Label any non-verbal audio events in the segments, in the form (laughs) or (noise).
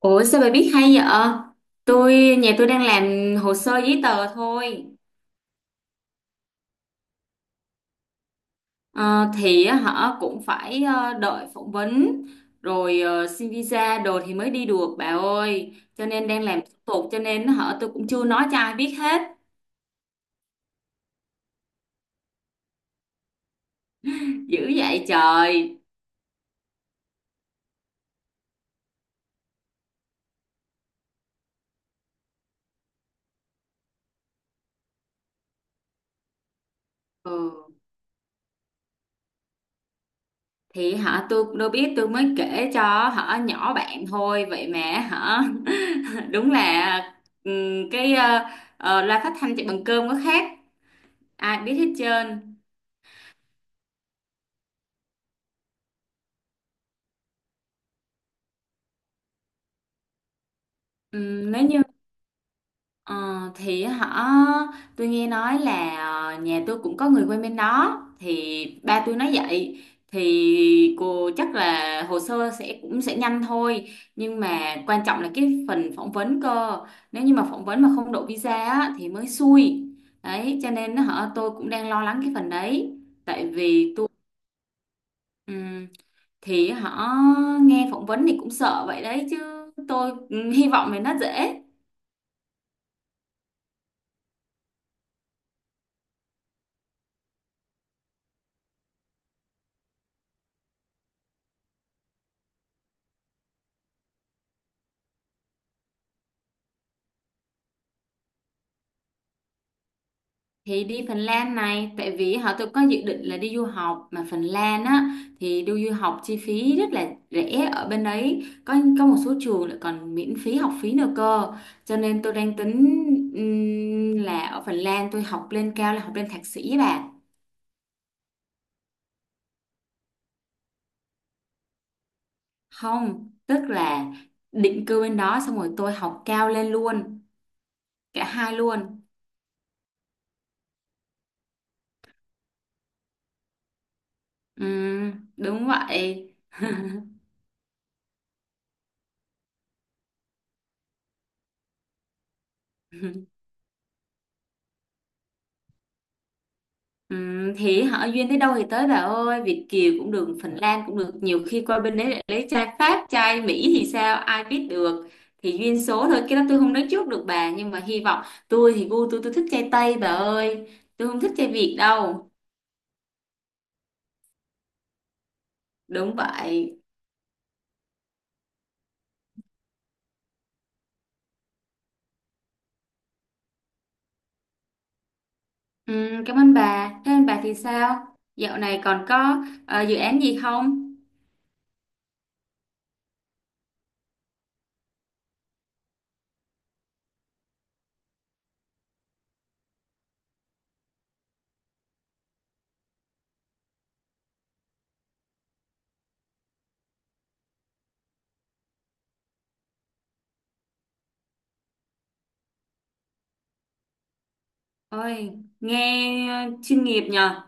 Ủa sao bà biết hay vậy? Nhà tôi đang làm hồ sơ giấy tờ thôi. Ờ, thì á, họ cũng phải đợi phỏng vấn rồi xin visa đồ thì mới đi được bà ơi. Cho nên đang làm thủ tục, cho nên họ tôi cũng chưa nói cho ai biết hết. Dữ vậy trời. Ừ. Thì họ tôi cũng đâu biết, tôi mới kể cho họ nhỏ bạn thôi vậy mà họ (laughs) đúng là cái loa phát thanh chạy bằng cơm có khác, ai biết hết trơn. Nếu như ờ, thì tôi nghe nói là nhà tôi cũng có người quen bên đó, thì ba tôi nói vậy thì cô chắc là hồ sơ cũng sẽ nhanh thôi, nhưng mà quan trọng là cái phần phỏng vấn cơ. Nếu như mà phỏng vấn mà không đậu visa á, thì mới xui đấy, cho nên tôi cũng đang lo lắng cái phần đấy. Tại vì tôi ừm, thì họ nghe phỏng vấn thì cũng sợ vậy đấy chứ. Tôi hy vọng là nó dễ. Thì đi Phần Lan này tại vì họ tôi có dự định là đi du học, mà Phần Lan á thì đi du học chi phí rất là rẻ, ở bên đấy có một số trường lại còn miễn phí học phí nữa cơ, cho nên tôi đang tính là ở Phần Lan tôi học lên cao là học lên thạc sĩ bà. Không, tức là định cư bên đó xong rồi tôi học cao lên luôn, cả hai luôn. Đúng vậy. (laughs) Ừ, thì họ duyên tới đâu thì tới bà ơi, Việt Kiều cũng được, Phần Lan cũng được, nhiều khi qua bên đấy lại lấy trai Pháp, trai Mỹ thì sao, ai biết được. Thì duyên số thôi, cái đó tôi không nói trước được bà, nhưng mà hy vọng. Tôi thì gu tôi thích trai Tây bà ơi, tôi không thích trai Việt đâu. Đúng vậy. Ừ, cảm ơn bà, thế ơn bà thì sao, dạo này còn có dự án gì không. Ôi, nghe chuyên nghiệp nhờ.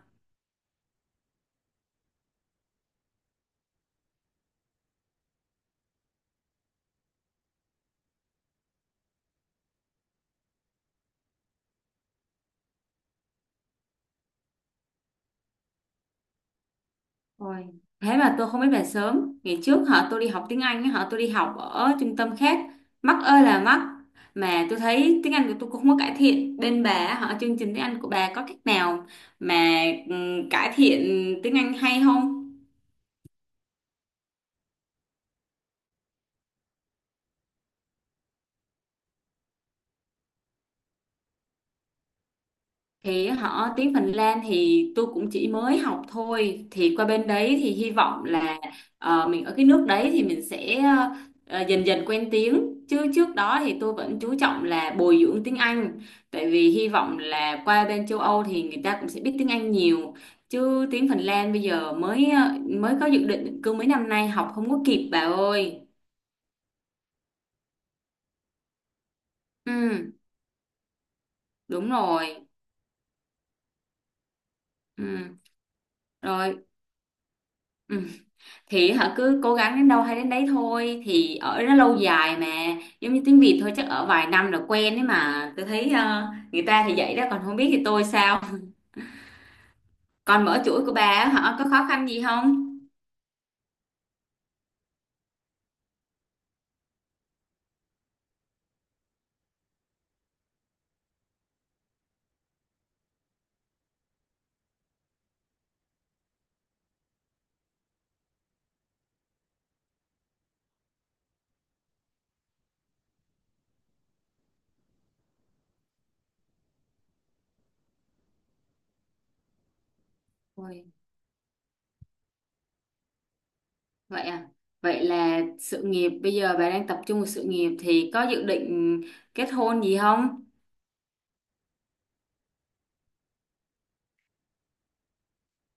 Ôi, thế mà tôi không biết về sớm. Ngày trước họ tôi đi học tiếng Anh, họ tôi đi học ở trung tâm khác. Mắc ơi là mắc. Mà tôi thấy tiếng Anh của tôi cũng không có cải thiện. Bên bà, họ chương trình tiếng Anh của bà có cách nào mà ừ, cải thiện tiếng Anh hay không? Thì họ tiếng Phần Lan thì tôi cũng chỉ mới học thôi, thì qua bên đấy thì hy vọng là mình ở cái nước đấy thì mình sẽ dần dần quen tiếng, chứ trước đó thì tôi vẫn chú trọng là bồi dưỡng tiếng Anh, tại vì hy vọng là qua bên châu Âu thì người ta cũng sẽ biết tiếng Anh nhiều. Chứ tiếng Phần Lan bây giờ mới mới có dự định, cứ mấy năm nay học không có kịp bà ơi. Ừ, đúng rồi. Ừ. Rồi. Ừ. Thì họ cứ cố gắng đến đâu hay đến đấy thôi, thì ở nó lâu dài mà, giống như tiếng Việt thôi, chắc ở vài năm là quen ấy mà. Tôi thấy người ta thì vậy đó, còn không biết thì tôi sao. Còn mở chuỗi của bà á, họ có khó khăn gì không? Ôi, vậy à? Vậy là sự nghiệp, bây giờ bà đang tập trung vào sự nghiệp thì có dự định kết hôn gì không?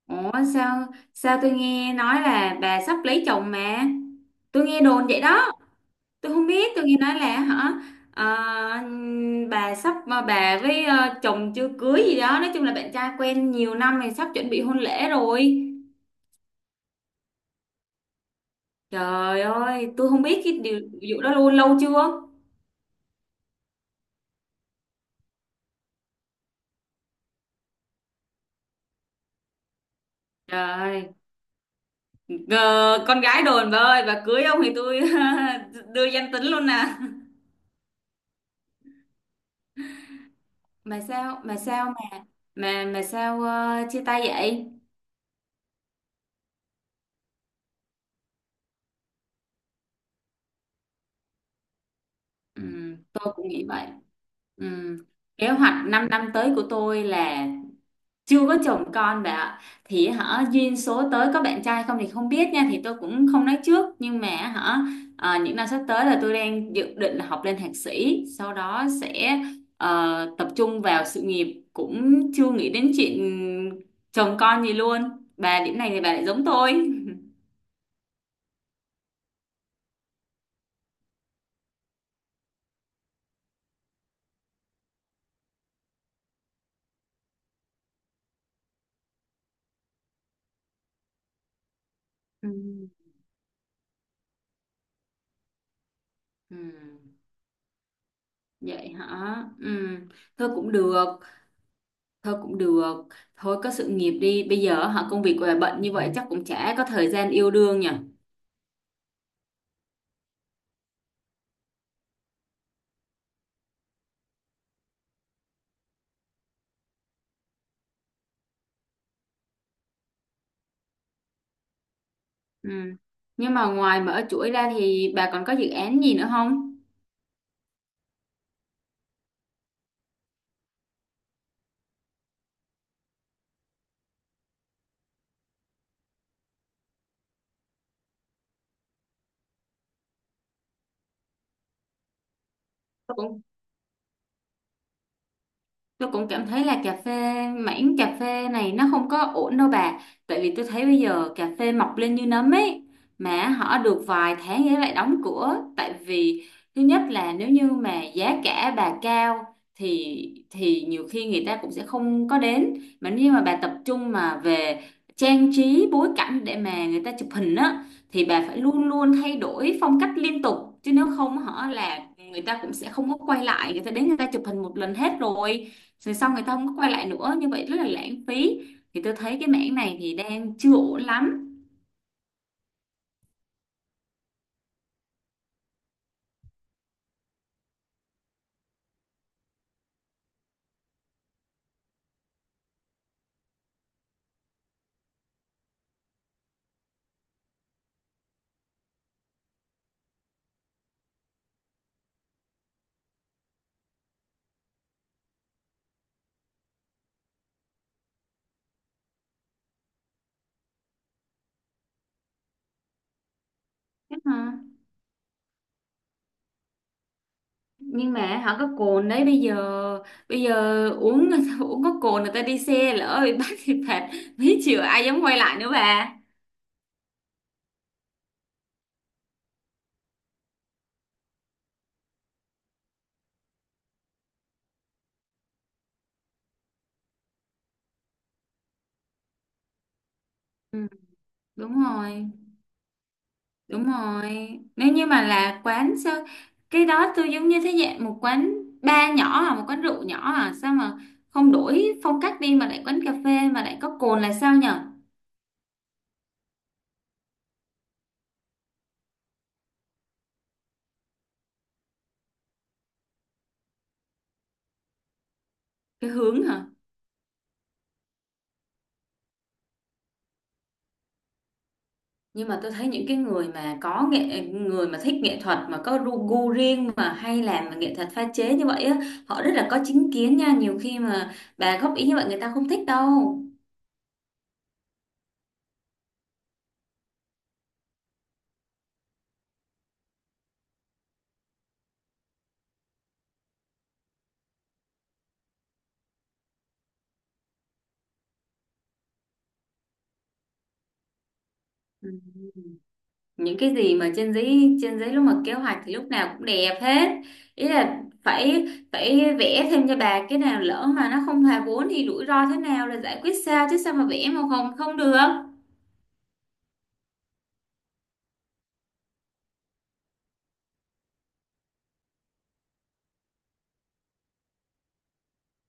Ủa sao, sao tôi nghe nói là bà sắp lấy chồng mà, tôi nghe đồn vậy đó. Tôi không biết, tôi nghe nói là ờ, bà sắp bà với chồng chưa cưới gì đó, nói chung là bạn trai quen nhiều năm thì sắp chuẩn bị hôn lễ rồi. Trời ơi, tôi không biết cái điều vụ đó luôn, lâu chưa? Trời, ờ, con gái đồn bà ơi, bà cưới ông thì tôi (laughs) đưa danh tính luôn nè. Mà sao mà sao mà mà mà sao chia tay vậy? Ừ, tôi cũng nghĩ vậy. Ừ. Kế hoạch 5 năm năm tới của tôi là chưa có chồng con bạn ạ, thì duyên số tới có bạn trai không thì không biết nha, thì tôi cũng không nói trước, nhưng mà những năm sắp tới là tôi đang dự định là học lên thạc sĩ, sau đó sẽ tập trung vào sự nghiệp, cũng chưa nghĩ đến chuyện chồng con gì luôn. Bà điểm này thì bà lại giống tôi. (laughs) Ừ. Ừ, vậy hả? Ừ, thôi cũng được, thôi cũng được. Thôi có sự nghiệp đi. Bây giờ công việc của bà bận như vậy chắc cũng chả có thời gian yêu đương nhỉ. Ừ. Nhưng mà ngoài mở chuỗi ra thì bà còn có dự án gì nữa không? Cũng, tôi cũng cảm thấy là cà phê, mảng cà phê này nó không có ổn đâu bà. Tại vì tôi thấy bây giờ cà phê mọc lên như nấm ấy. Mà họ được vài tháng ấy lại đóng cửa. Tại vì thứ nhất là nếu như mà giá cả bà cao thì thì nhiều khi người ta cũng sẽ không có đến. Mà nếu như mà bà tập trung mà về trang trí bối cảnh để mà người ta chụp hình á, thì bà phải luôn luôn thay đổi phong cách liên tục. Chứ nếu không họ là người ta cũng sẽ không có quay lại, người ta đến người ta chụp hình một lần hết rồi, rồi xong người ta không có quay lại nữa, như vậy rất là lãng phí. Thì tôi thấy cái mảng này thì đang chưa ổn lắm. Thế mà, nhưng mà họ có cồn đấy, bây giờ uống (laughs) uống có cồn người ta đi xe lỡ bị bắt thì phạt mấy triệu, ai dám quay lại nữa bà. Ừ, đúng rồi, đúng rồi, nếu như mà là quán sao, cái đó tôi giống như thế dạng một quán bar nhỏ à, một quán rượu nhỏ à, sao mà không đổi phong cách đi, mà lại quán cà phê mà lại có cồn là sao nhở? Cái hướng hả? Nhưng mà tôi thấy những cái người mà có nghệ, người mà thích nghệ thuật mà có ru gu riêng mà hay làm mà nghệ thuật pha chế như vậy á, họ rất là có chính kiến nha, nhiều khi mà bà góp ý như vậy người ta không thích đâu. Ừ. Những cái gì mà trên giấy, trên giấy lúc mà kế hoạch thì lúc nào cũng đẹp hết, ý là phải, phải vẽ thêm cho bà cái nào lỡ mà nó không hòa vốn thì rủi ro thế nào là giải quyết sao, chứ sao mà vẽ mà không không được.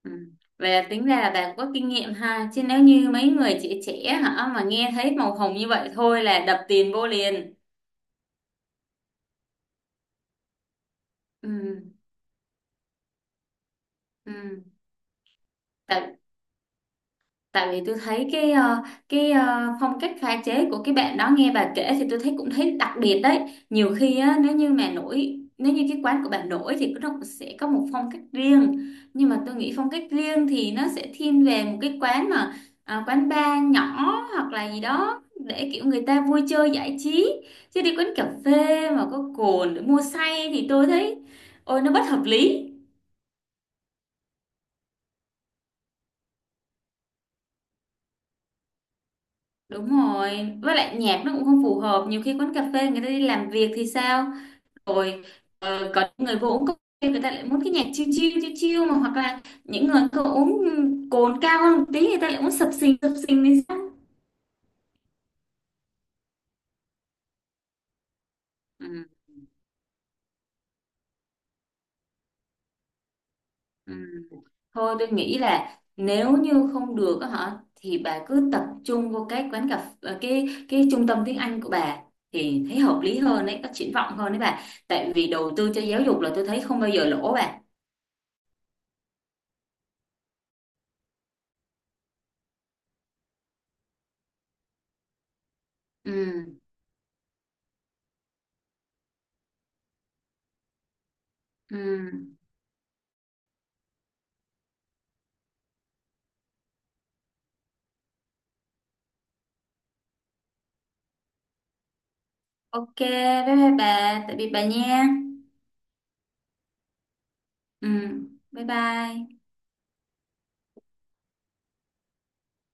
Ừ. Vậy là tính ra là bạn có kinh nghiệm ha, chứ nếu như mấy người trẻ trẻ mà nghe thấy màu hồng như vậy thôi là đập tiền vô liền. Ừ. Ừ. Tại tại vì tôi thấy cái cái phong cách pha chế của cái bạn đó, nghe bà kể thì tôi thấy cũng thấy đặc biệt đấy. Nhiều khi á, nếu như mà nổi, nếu như cái quán của bà nổi thì nó cũng sẽ có một phong cách riêng, nhưng mà tôi nghĩ phong cách riêng thì nó sẽ thiên về một cái quán mà quán bar nhỏ, hoặc là gì đó để kiểu người ta vui chơi giải trí. Chứ đi quán cà phê mà có cồn để mua say thì tôi thấy ôi nó bất hợp lý. Đúng rồi, với lại nhạc nó cũng không phù hợp. Nhiều khi quán cà phê người ta đi làm việc thì sao? Rồi có những người vô uống cà phê người ta lại muốn cái nhạc chill chill chill chill mà, hoặc là những người có uống cồn cao hơn một tí người ta lại muốn sập sình thì sao? Ừ, ừ. Thôi tôi nghĩ là nếu như không được á thì bà cứ tập trung vô cái quán cà phê, cái trung tâm tiếng Anh của bà, thì thấy hợp lý hơn đấy, có triển vọng hơn đấy bà. Tại vì đầu tư cho giáo dục là tôi thấy không bao giờ lỗ bà. Ừ, ừ. Ok, bye bye bà, tạm biệt bà nha. Ừ, bye bye.